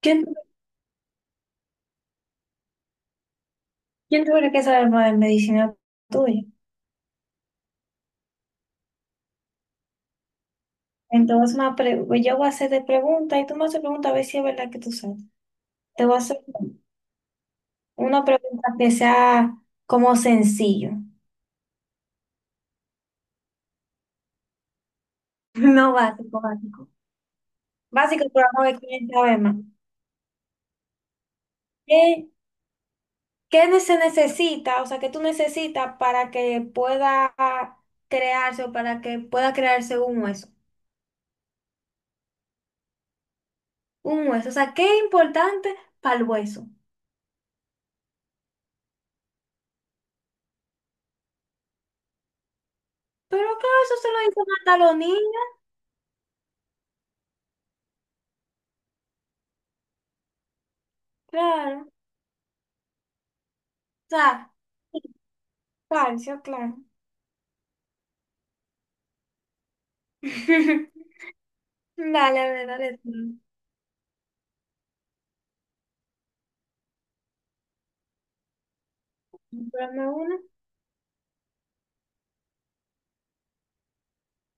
¿Quién, quién tuviera que saber más de medicina tuya? Entonces, pues, yo voy a hacer de preguntas y tú me haces preguntas a ver si es verdad que tú sabes. Te voy a hacer una pregunta que sea como sencillo. No básico, básico. Básico, pero vamos a ver quién sabe más. ¿Qué, qué se necesita, o sea, qué tú necesitas para que pueda crearse o para que pueda crearse un hueso? Un hueso, o sea, qué es importante para el hueso. Pero claro, eso se lo dicen hasta los niños, claro. O sea, calcio, claro. Dale, a ver, dale, tú. Dame una.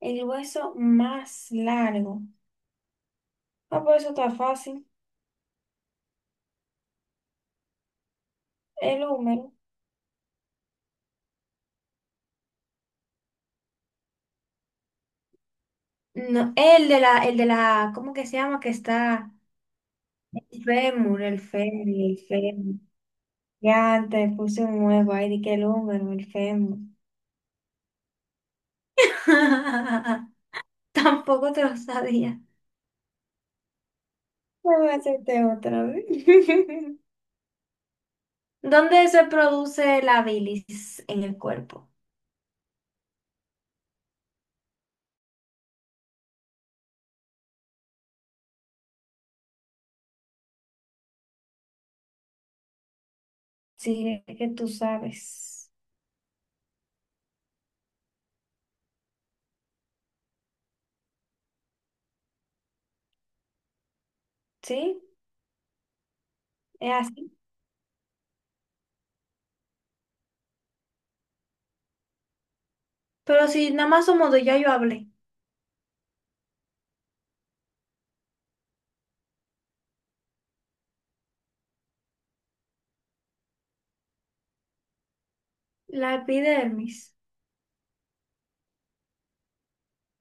El hueso más largo. Ah, pues eso está fácil. El húmero. No, el de la, ¿cómo que se llama? Que está el fémur, el fémur. Ya te puse un huevo ahí, di que el húmero, el fémur. Tampoco te lo sabía. Voy a hacerte otra vez. ¿Dónde se produce la bilis en el cuerpo? Sí, es que tú sabes. Sí, es así. Pero si nada más somos dos, ya yo hablé. La epidermis.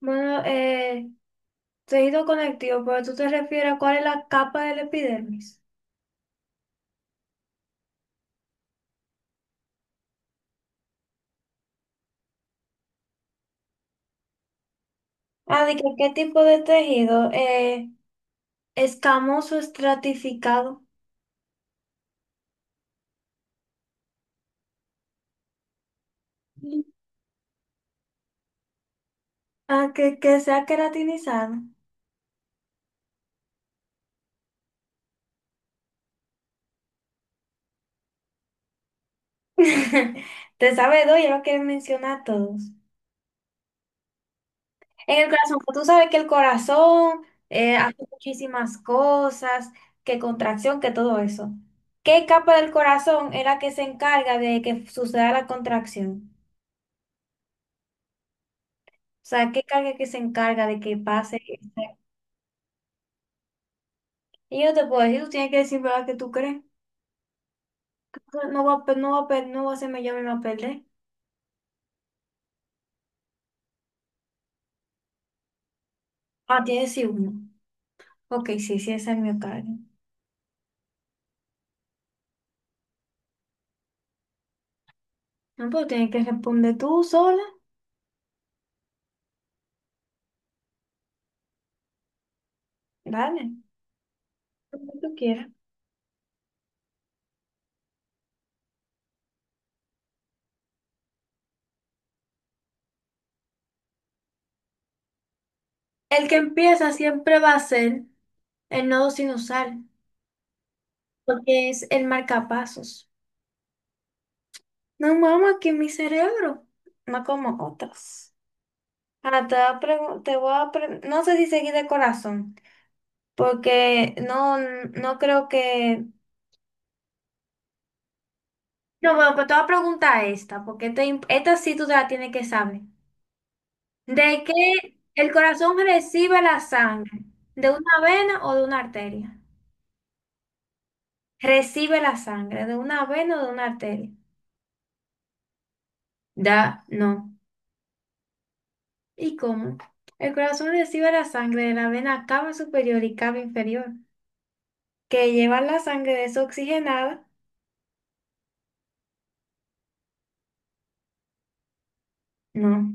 Bueno, tejido conectivo, pero tú te refieres a cuál es la capa de la epidermis. Ah, de que qué tipo de tejido. Escamoso estratificado. Ah, que sea queratinizado. Te sabe dos, ya lo quieren mencionar todos. En el corazón, pues tú sabes que el corazón hace muchísimas cosas, que contracción, que todo eso. ¿Qué capa del corazón es la que se encarga de que suceda la contracción? O sea, ¿qué carga que se encarga de que pase? Y yo te puedo decir, tú tienes que decir, ¿verdad? Que tú crees. No va a hacerme yo misma perder. Ah, tienes sí uno. Ok, sí, sí, esa es mi carga. No, pero tienes que responder tú sola. Dale, como tú quieras. El que empieza siempre va a ser el nodo sinusal, porque es el marcapasos. No, mamá, que mi cerebro, no como otros. Ahora te voy a pregun- te voy a pre- No sé si seguí de corazón, porque no, no creo que... No, bueno, pues te voy a preguntar esta, porque esta, esta sí tú te la tienes que saber. ¿De qué el corazón recibe la sangre? ¿De una vena o de una arteria? Recibe la sangre, ¿de una vena o de una arteria? Da, no. ¿Y cómo? El corazón recibe la sangre de la vena cava superior y cava inferior, que lleva la sangre desoxigenada. No,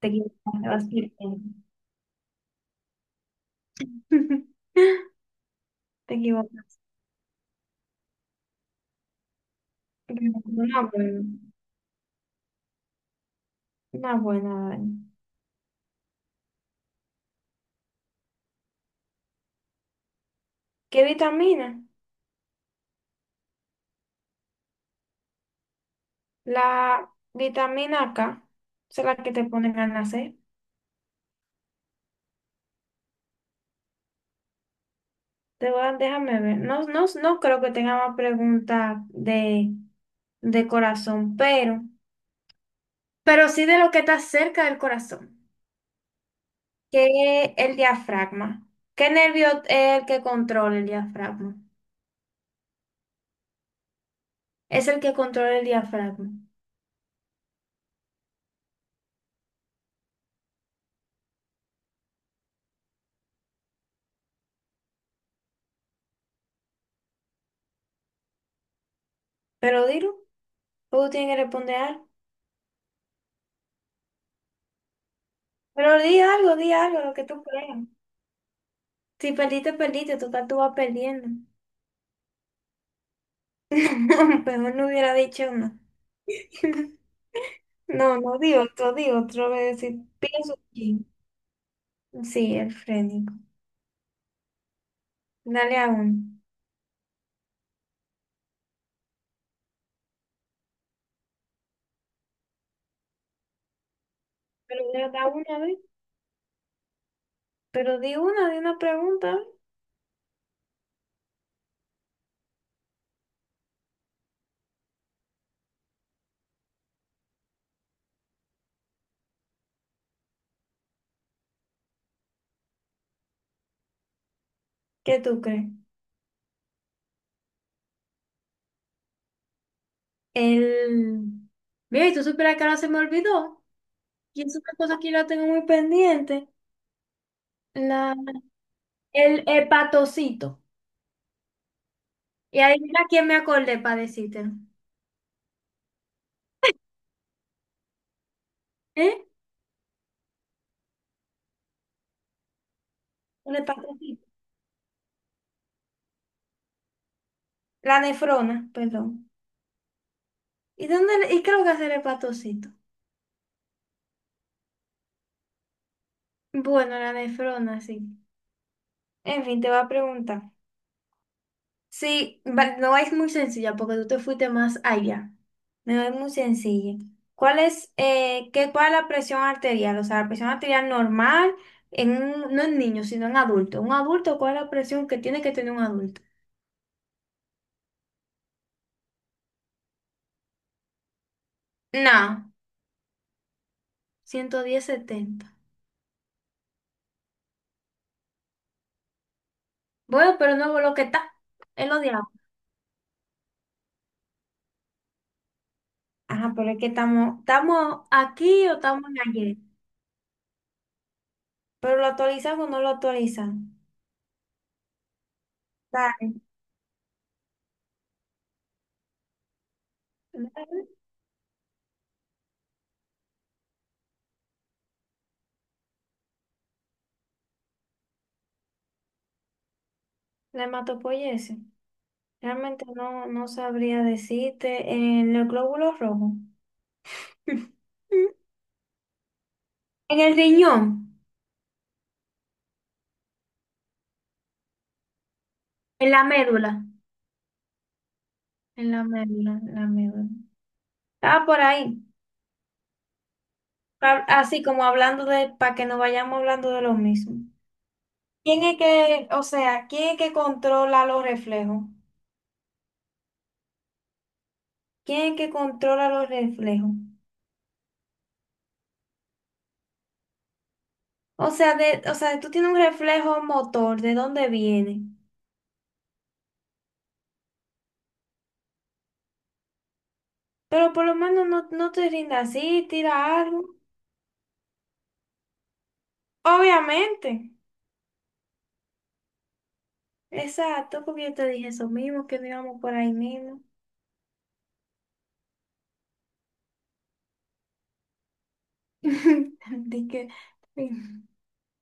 te equivocas, te vas bien. Te equivocas. Una buena, una buena. Dani. ¿Qué vitamina? La vitamina K, esa es la que te ponen al nacer. Déjame ver. No, no, no creo que tenga más preguntas de corazón, pero sí de lo que está cerca del corazón. Qué el diafragma. ¿Qué nervio es el que controla el diafragma? Es el que controla el diafragma. Pero dilo, tú tienes que responder algo. Pero di algo, lo que tú creas. Si perdiste, perdiste, total tú vas perdiendo. No, mejor no hubiera dicho no. No, no, di otro, voy a decir, pienso un chin. Sí, el frénico. Dale a uno. Da una, a ver. Pero di una pregunta, a ver. ¿Qué tú crees? El... Mira, y tú supieras que ahora se me olvidó. Y es una cosa que yo la tengo muy pendiente. La... El hepatocito. Y adivina quién me acordé para decírtelo. ¿Eh? El hepatocito. La nefrona, perdón. ¿Y dónde? ¿Y qué es lo que hace el hepatocito? Bueno, la nefrona, sí. En fin, te voy a preguntar. Sí, no es muy sencilla porque tú te fuiste más allá. No es muy sencilla. ¿Cuál es, qué, cuál es la presión arterial? O sea, la presión arterial normal, no en niños, sino en adultos. ¿Un adulto cuál es la presión que tiene que tener un adulto? No, 110-70. Bueno, pero no lo que está, es lo de ahora. Ajá, pero es que estamos, ¿estamos aquí o estamos en ayer? ¿Pero lo actualizan o no lo actualizan? Dale, dale, la hematopoyesis. Realmente no, no sabría decirte. En el glóbulo rojo. En el riñón, en la médula, en la médula, en la médula. Ah, por ahí. Pa- así como hablando de, para que no vayamos hablando de lo mismo. ¿Quién es que, o sea, quién es que controla los reflejos? ¿Quién es que controla los reflejos? O sea, de, o sea, tú tienes un reflejo motor, ¿de dónde viene? Pero por lo menos no, no te rindas así, tira algo. Obviamente. Exacto, porque yo te dije eso mismo, que no íbamos por ahí mismo. Dije,